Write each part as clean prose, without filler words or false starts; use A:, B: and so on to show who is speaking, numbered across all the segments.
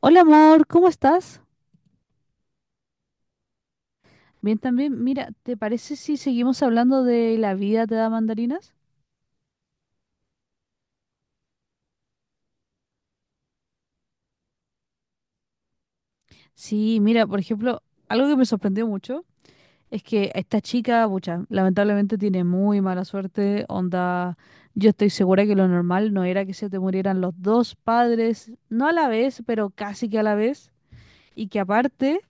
A: Hola amor, ¿cómo estás? Bien también. Mira, ¿te parece si seguimos hablando de la vida te da mandarinas? Sí, mira, por ejemplo, algo que me sorprendió mucho es que esta chica, pucha, lamentablemente tiene muy mala suerte, onda, yo estoy segura que lo normal no era que se te murieran los dos padres, no a la vez, pero casi que a la vez, y que aparte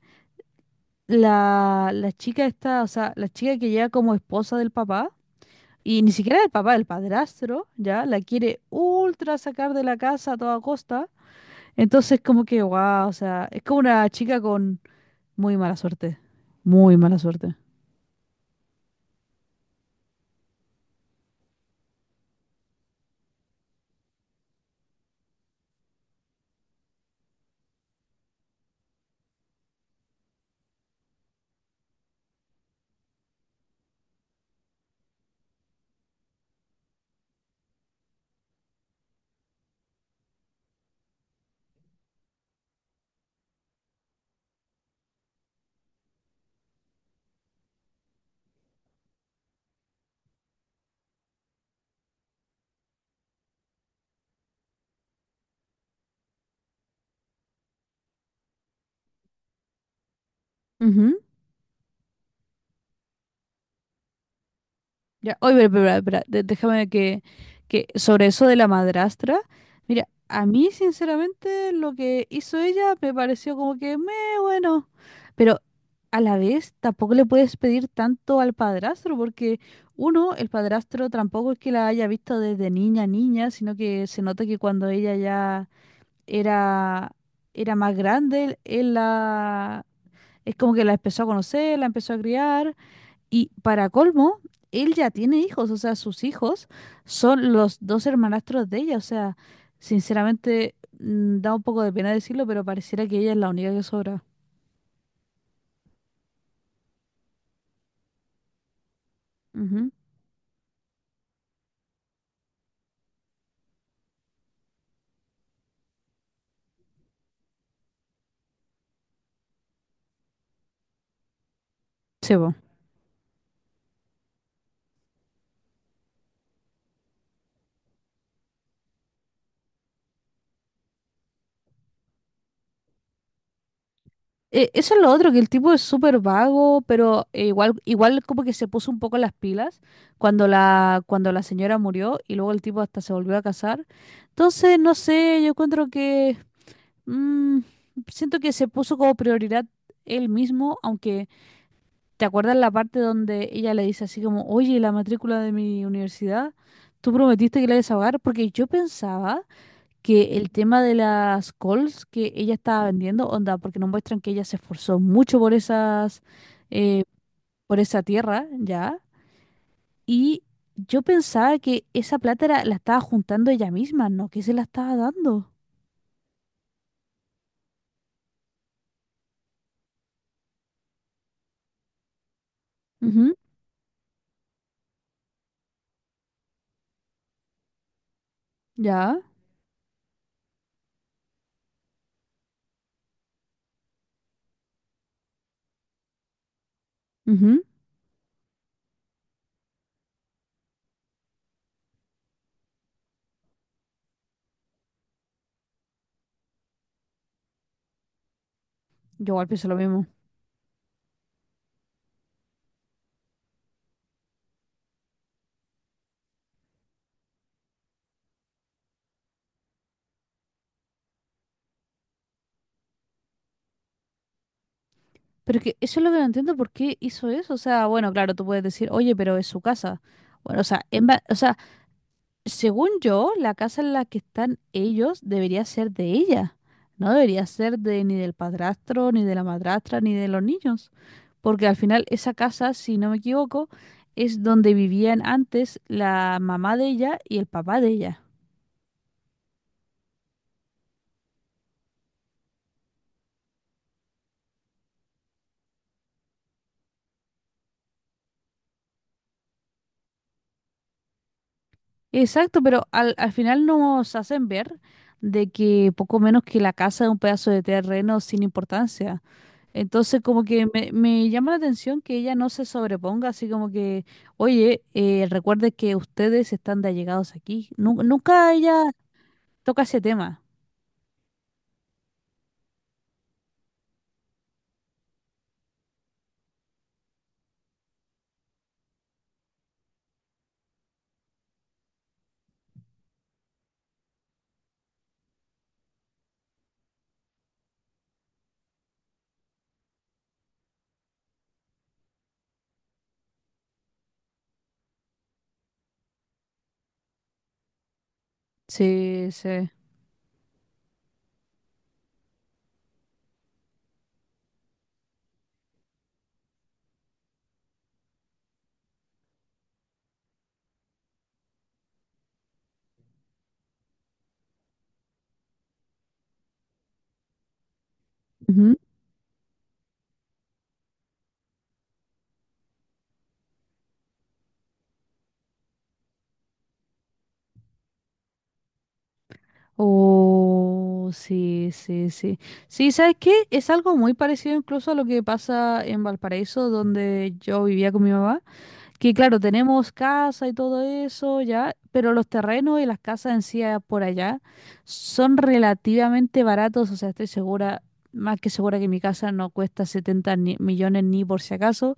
A: la chica esta, o sea, la chica que llega como esposa del papá, y ni siquiera el papá, el padrastro, ya la quiere ultra sacar de la casa a toda costa. Entonces, como que, wow, o sea, es como una chica con muy mala suerte. Muy mala suerte. Ya, oye, déjame que sobre eso de la madrastra, mira, a mí sinceramente lo que hizo ella me pareció como que me bueno, pero a la vez tampoco le puedes pedir tanto al padrastro porque uno, el padrastro tampoco es que la haya visto desde niña a niña, sino que se nota que cuando ella ya era era más grande, él la es como que la empezó a conocer, la empezó a criar. Y para colmo, él ya tiene hijos, o sea, sus hijos son los dos hermanastros de ella, o sea, sinceramente da un poco de pena decirlo, pero pareciera que ella es la única que sobra. Ujú. Sí, po. Eso es lo otro, que el tipo es súper vago, pero igual, igual como que se puso un poco las pilas cuando la señora murió y luego el tipo hasta se volvió a casar. Entonces, no sé, yo encuentro que mm, siento que se puso como prioridad él mismo, aunque ¿te acuerdas la parte donde ella le dice así como, oye, la matrícula de mi universidad, tú prometiste que la ibas a pagar? Porque yo pensaba que el tema de las calls que ella estaba vendiendo, onda, porque nos muestran que ella se esforzó mucho por esas, eh, por esa tierra, ¿ya? Y yo pensaba que esa plata era- la estaba juntando ella misma, ¿no? Que se la estaba dando. Ujú, ya. Ujú. Yo igual pienso lo mismo. Pero que eso es lo que no entiendo, ¿por qué hizo eso? O sea, bueno, claro, tú puedes decir, oye, pero es su casa. Bueno, o sea, en va- o sea, según yo, la casa en la que están ellos debería ser de ella. No debería ser de ni del padrastro, ni de la madrastra, ni de los niños. Porque al final esa casa, si no me equivoco, es donde vivían antes la mamá de ella y el papá de ella. Exacto, pero al, al final nos hacen ver de que poco menos que la casa es un pedazo de terreno sin importancia. Entonces, como que me llama la atención que ella no se sobreponga, así como que, oye, recuerde que ustedes están de allegados aquí. Nu- nunca ella toca ese tema. Sí, sí. Ujú. Oh, sí, sí, sí. Sí, ¿sabes qué? Es algo muy parecido incluso a lo que pasa en Valparaíso, donde yo vivía con mi mamá. Que claro, tenemos casa y todo eso, ya, pero los terrenos y las casas en sí ah, por allá son relativamente baratos, o sea, estoy segura, más que segura que mi casa no cuesta 70 ni- millones ni por si acaso,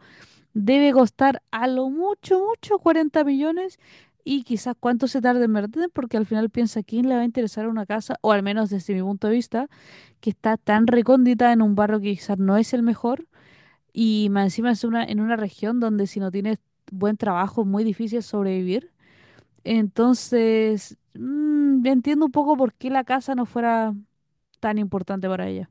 A: debe costar a lo mucho, mucho 40 millones y quizás cuánto se tarde en vender, porque al final piensa quién le va a interesar una casa, o al menos desde mi punto de vista, que está tan recóndita en un barrio que quizás no es el mejor y más encima es una, en una región donde si no tienes buen trabajo es muy difícil sobrevivir. Entonces, entiendo un poco por qué la casa no fuera tan importante para ella.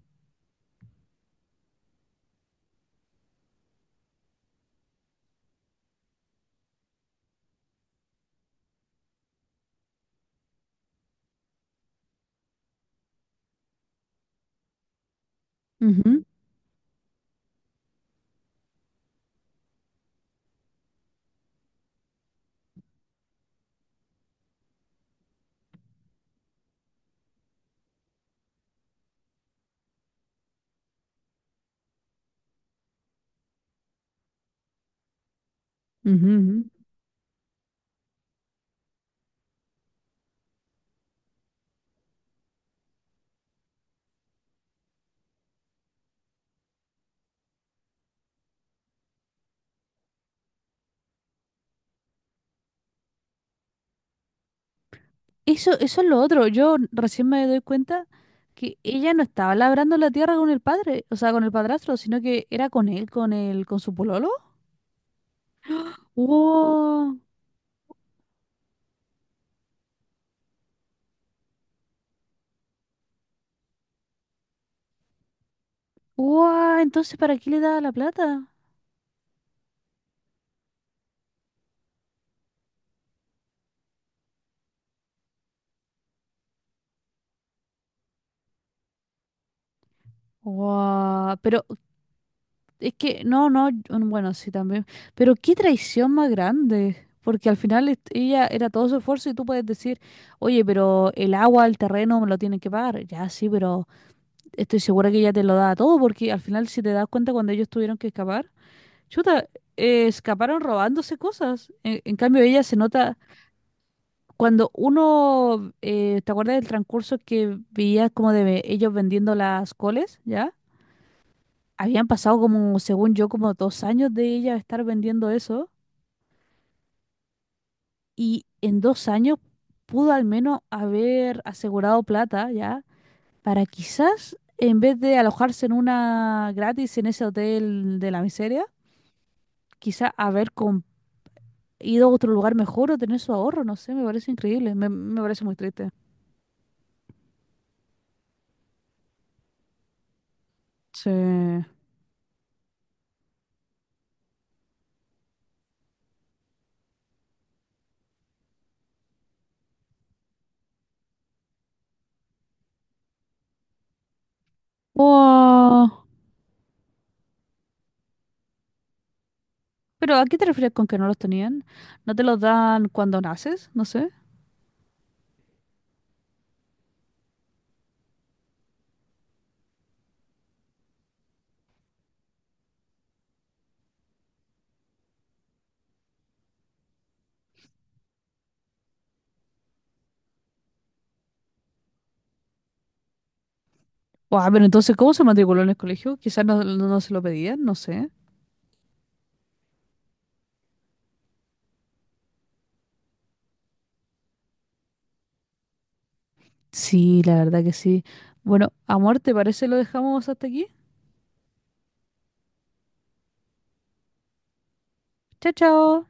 A: Ujú, ujú, ujú. Eso es lo otro. Yo recién me doy cuenta que ella no estaba labrando la tierra con el padre, o sea, con el padrastro, sino que era con él, con el, con su pololo. Wow, wow, entonces ¿para qué le daba la plata? Wow, pero es que, no, no, mm, bueno, sí también. Pero qué traición más grande. Porque al final est- ella era todo su esfuerzo y tú puedes decir, oye, pero el agua, el terreno me lo tienen que pagar. Ya sí, pero estoy segura que ella te lo da todo, porque al final si te das cuenta cuando ellos tuvieron que escapar, chuta, escaparon robándose cosas. En cambio ella se nota cuando uno, ¿te acuerdas del transcurso que veía como de ellos vendiendo las coles, ya? Habían pasado como, según yo, como 2 años de ella estar vendiendo eso y en 2 años pudo al menos haber asegurado plata ya para quizás, en vez de alojarse en una gratis en ese hotel de la miseria, quizás haber com- ido a otro lugar mejor o tener su ahorro, no sé, me parece increíble, me parece muy triste. Sí. Wow. ¿Pero a qué te refieres con que no los tenían? ¿No te los dan cuando naces? No sé. O, ah, pero entonces, ¿cómo se matriculó en el colegio? Quizás no, no- no se lo pedían, no sé. Sí, la verdad que sí. Bueno, amor, ¿te parece lo dejamos hasta aquí? Chao, chao.